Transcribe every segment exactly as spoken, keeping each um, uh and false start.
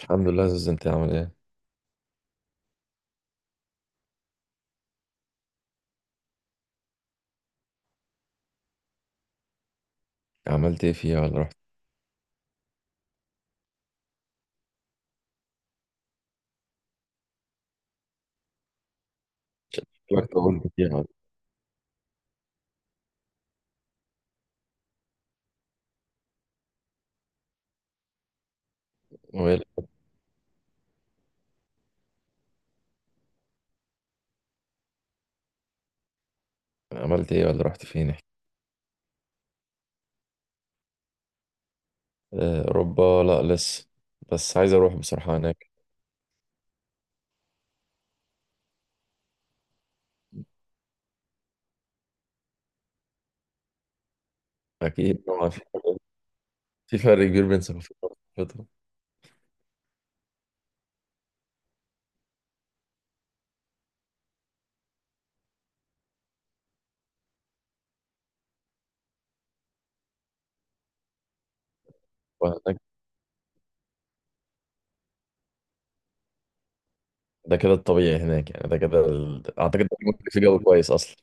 الحمد لله يا زوز، انت عامل ايه؟ عملت ايه فيها ولا رحت؟ لك طولت فيها ولا؟ ويلك. عملت ايه ولا رحت فين؟ احكي. آه، اوروبا لا، لسه. بس عايز اروح بصراحه هناك. اكيد طبعا، في فرق في فرق كبير بين ثقافات وثقافات. وهناك. ده كده الطبيعي هناك، يعني ده كده ال... اعتقد ده ممكن في جو كويس اصلا.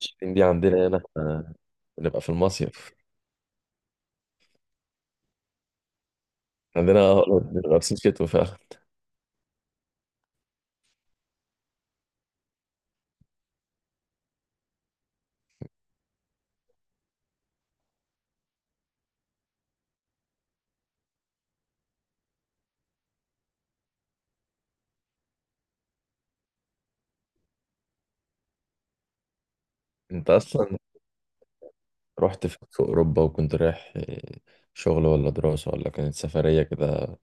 الشتين دي عندنا هنا احنا بنبقى في المصيف. عندنا اه، بنبقى لابسين شتوي فعلا. انت اصلا رحت في في اوروبا، وكنت رايح آه، شغل ولا دراسه ولا كانت سفريه كده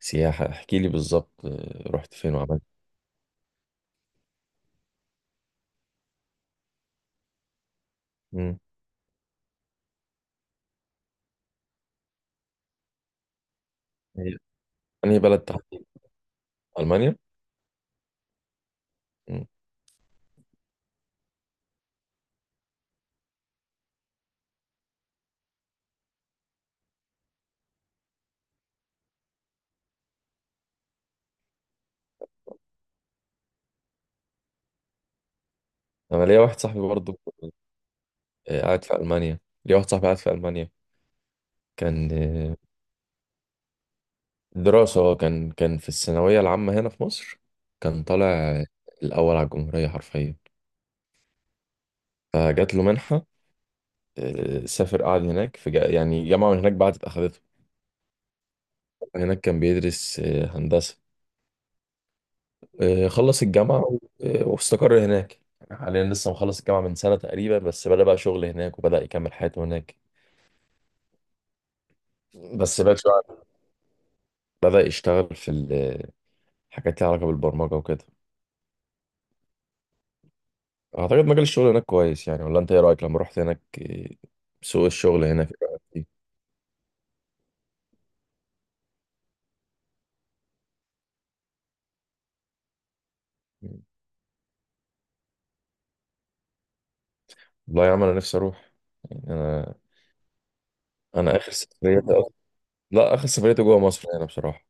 سياحة؟ احكي لي بالظبط. آه، رحت فين وعملت؟ مم. هي- أنهي بلد تحديدا؟ ألمانيا؟ مم. أنا ليا واحد صاحبي برضه. آه، قاعد في ألمانيا. ليا واحد صاحبي قاعد في ألمانيا. كان آه، دراسة. هو كان كان في الثانوية العامة هنا في مصر. كان طالع الأول على الجمهورية حرفيا. فجات له منحة. آه، سافر، قعد هناك في جا- يعني جامعة من هناك بعد أخدته. هناك كان بيدرس آه، هندسة. آه، خلص الجامعة و- آه، واستقر هناك. يعني حاليا لسه مخلص الجامعة من سنة تقريبا، بس بدأ بقى شغل هناك وبدأ يكمل حياته هناك. بس بعد شوية بدأ يشتغل في ال- حاجات ليها علاقة بالبرمجة وكده. أعتقد مجال الشغل هناك كويس، يعني ولا أنت إيه رأيك لما رحت هناك؟ آه، سوق الشغل هناك إيه رأيك فيه؟ والله يا عم، أنا نفسي أروح. يعني أنا أنا آخر سفريتي أصلاً- لا، آخر سفريتي جوه مصر هنا بصراحة.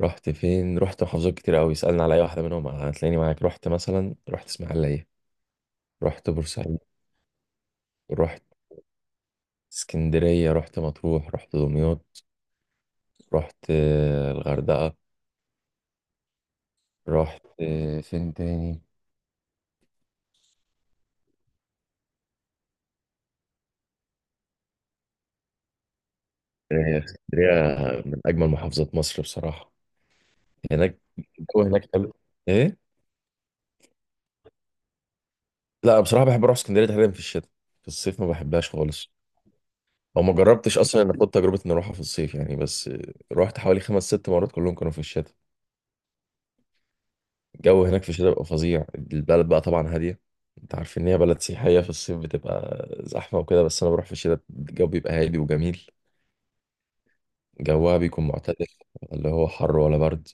رحت فين؟ رحت محافظات كتير قوي، اسألني على أي واحدة منهم هتلاقيني معاك. رحت مثلا، رحت إسماعيلية. رحت بورسعيد. رحت اسكندرية. رحت مطروح. رحت دمياط. رحت آه، الغردقة. رحت آه، فين تاني؟ آه، اسكندرية من أجمل محافظات مصر بصراحة. هناك الجو هناك حلو. إيه؟ لا بصراحة، بحب أروح اسكندرية تحديدا في الشتاء. في الصيف ما بحبهاش خالص. أو ما جربتش أصلا إن أخد تجربة إن أروحها في الصيف يعني، بس آه، رحت حوالي خمس ست مرات كلهم كانوا في الشتاء. الجو هناك في الشتاء بيبقى فظيع. البلد بقى طبعا هادية. انت عارف ان هي بلد سياحية في الصيف بتبقى زحمة وكده، بس انا بروح في الشتاء الجو بيبقى هادي وجميل. جوها بيكون معتدل، اللي هو حر ولا برد.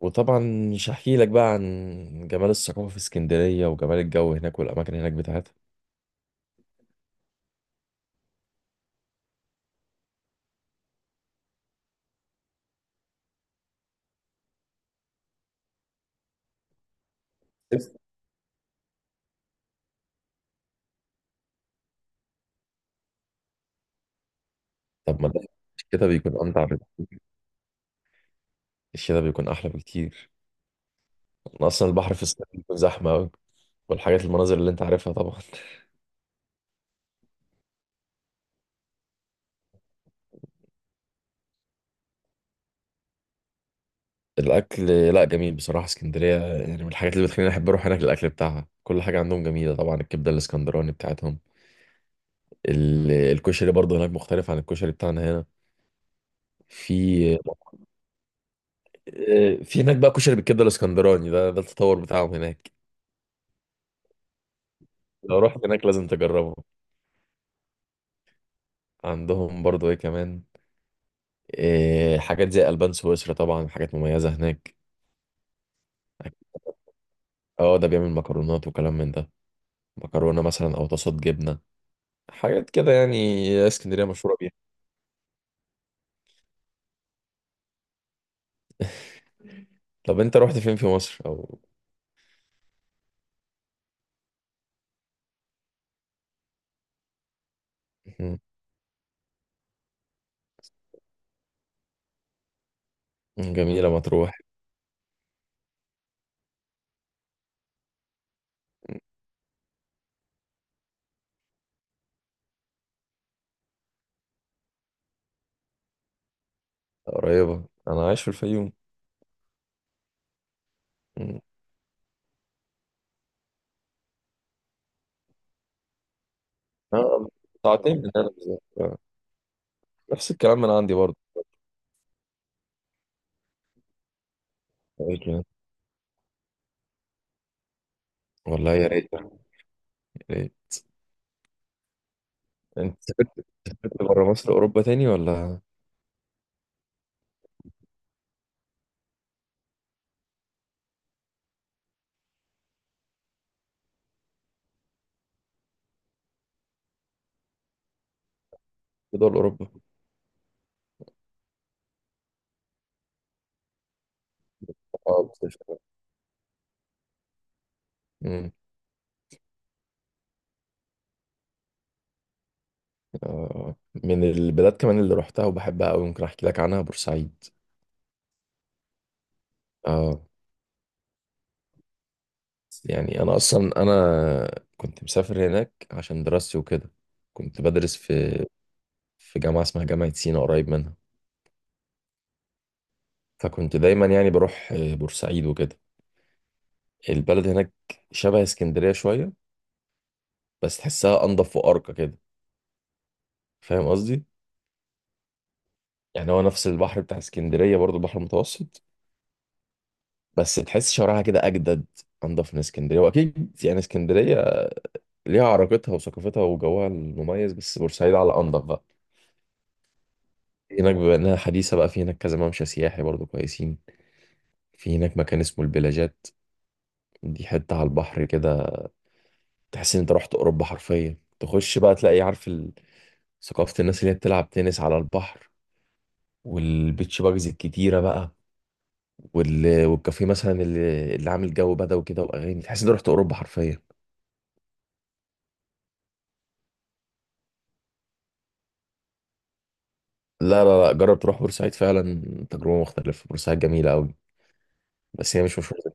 وطبعا مش هحكي لك بقى عن جمال الثقافة في اسكندرية وجمال الجو هناك والأماكن هناك بتاعتها. بس. طب ما ده الشتاء بيكون أمتع بك. الشتاء بيكون أحلى بكتير. أنا أصلا البحر في اسكندرية بيكون زحمة أوي، والحاجات المناظر اللي أنت عارفها طبعا الأكل. لا، جميل بصراحة. اسكندرية يعني من الحاجات اللي بتخليني أحب أروح هناك الأكل بتاعها، كل حاجة عندهم جميلة، طبعا الكبدة الاسكندراني بتاعتهم. ال- الكشري برضه هناك مختلف عن الكشري بتاعنا هنا. في إيه، في هناك بقى كشري بالكبده الاسكندراني، ده ده التطور بتاعهم هناك. لو رحت هناك لازم تجربه. عندهم برضو ايه كمان. إيه حاجات زي البان سويسرا طبعا، حاجات مميزه هناك. اه، ده بيعمل مكرونات وكلام من ده. مكرونه مثلا او طاسات جبنه، حاجات كده يعني، اسكندريه مشهوره بيها. طب انت رحت فين في مصر او؟ مم. جميله مطروح. مم. قريبه انا عايش في الفيوم. مم. اه، ساعتين من هنا بالظبط، آه، نفس الكلام من عندي برضه. أوكي. والله يا ريت يعني، يا ريت. انت سافرت بره مصر أوروبا تاني ولا؟ في دول أوروبا؟ اه، بتفرق. مم. آه، من البلاد كمان اللي روحتها وبحبها أوي، ممكن أحكي لك عنها بورسعيد. اه. يعني أنا أصلا، أنا كنت مسافر هناك عشان دراستي وكده. كنت بدرس في في جامعة اسمها جامعة سينا قريب منها. فكنت دايما يعني بروح آه، بورسعيد وكده. البلد هناك شبه اسكندرية شوية، بس تحسها أنضف وأرقى كده. فاهم قصدي؟ يعني هو نفس البحر بتاع اسكندرية برضو البحر المتوسط. بس تحس شوارعها كده اجدد، انضف من اسكندريه. واكيد يعني اسكندريه ليها عراقتها وثقافتها وجوها المميز، بس بورسعيد على انضف بقى. هناك بما انها حديثه بقى، في هناك كذا ممشى سياحي برضو كويسين. في هناك مكان اسمه البلاجات، دي حته على البحر كده، تحس ان انت رحت اوروبا حرفيا. تخش بقى تلاقي عارف ال- ثقافه الناس اللي هي بتلعب تنس على البحر، والبيتش باجز الكتيره بقى، وال... والكافيه مثلا اللي, اللي عامل جو بدوي كده واغاني، تحس ان انت رحت اوروبا حرفيا. لا، لا، لا، جرب تروح بورسعيد فعلا. تجربة مختلفة، بورسعيد جميلة أوي، بس هي مش مشهورة.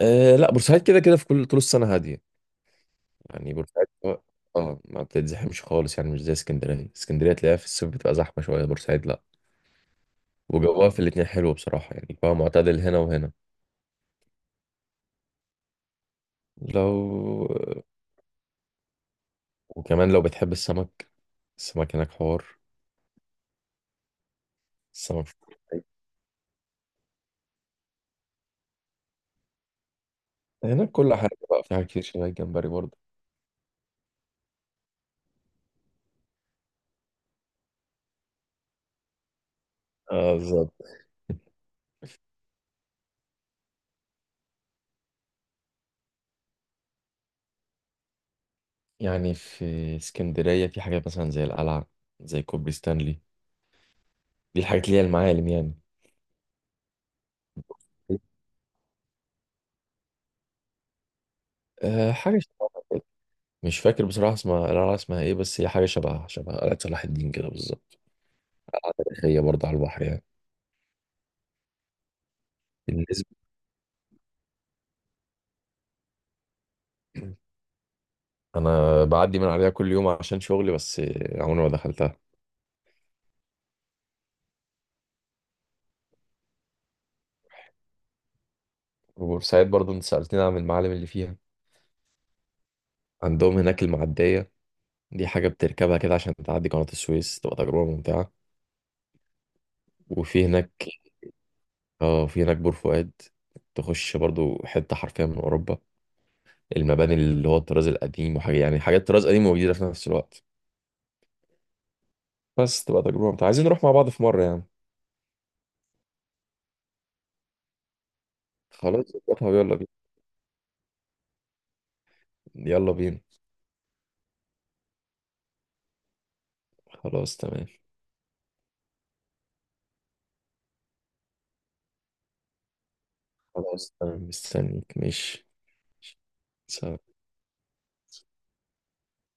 أه، لا بورسعيد كده كده في كل طول السنة هادية. يعني بورسعيد اه. آه، ما بتتزحمش خالص، يعني مش زي اسكندرية. اسكندرية تلاقيها في الصيف بتبقى زحمة شوية، بورسعيد لا. وجوها في الاتنين حلو بصراحة، يعني جوها معتدل هنا وهنا. لو. وكمان لو بتحب السمك، السمك هناك حوار. السمك في بورسعيد. هناك كل حاجة بقى، في حاجات كتير شبه الجمبري برضه. اه، بالظبط. يعني في اسكندرية في حاجات مثلا زي القلعة، زي كوبري ستانلي، دي الحاجات اللي هي المعالم يعني. أه، حاجة شبهها كده. مش فاكر بصراحة اسمها القلعة اسمها ايه، بس هي حاجة شبهها شبه قلعة صلاح الدين كده بالظبط. هي برضه على البحر يعني. بالنسبة أنا بعدي من عليها كل يوم عشان شغلي، بس عمري ما دخلتها. وبورسعيد برضه أنت سألتني عن المعالم اللي فيها. عندهم هناك المعدية، دي حاجة بتركبها كده عشان تعدي قناة السويس، تبقى تجربة ممتعة. وفي هناك. اه، في هناك بور فؤاد. تخش برضه حتة حرفيا من أوروبا. المباني اللي هو الطراز القديم، وحاجة يعني، حاجات طراز قديم وجديدة في نفس الوقت. بس تبقى تجربة متعة، عايزين نروح مع بعض في مرة يعني. خلاص يا صاحبي، يلا بينا. يلا بينا. خلاص تمام. خلاص تمام، مستنيك ماشي. سلام.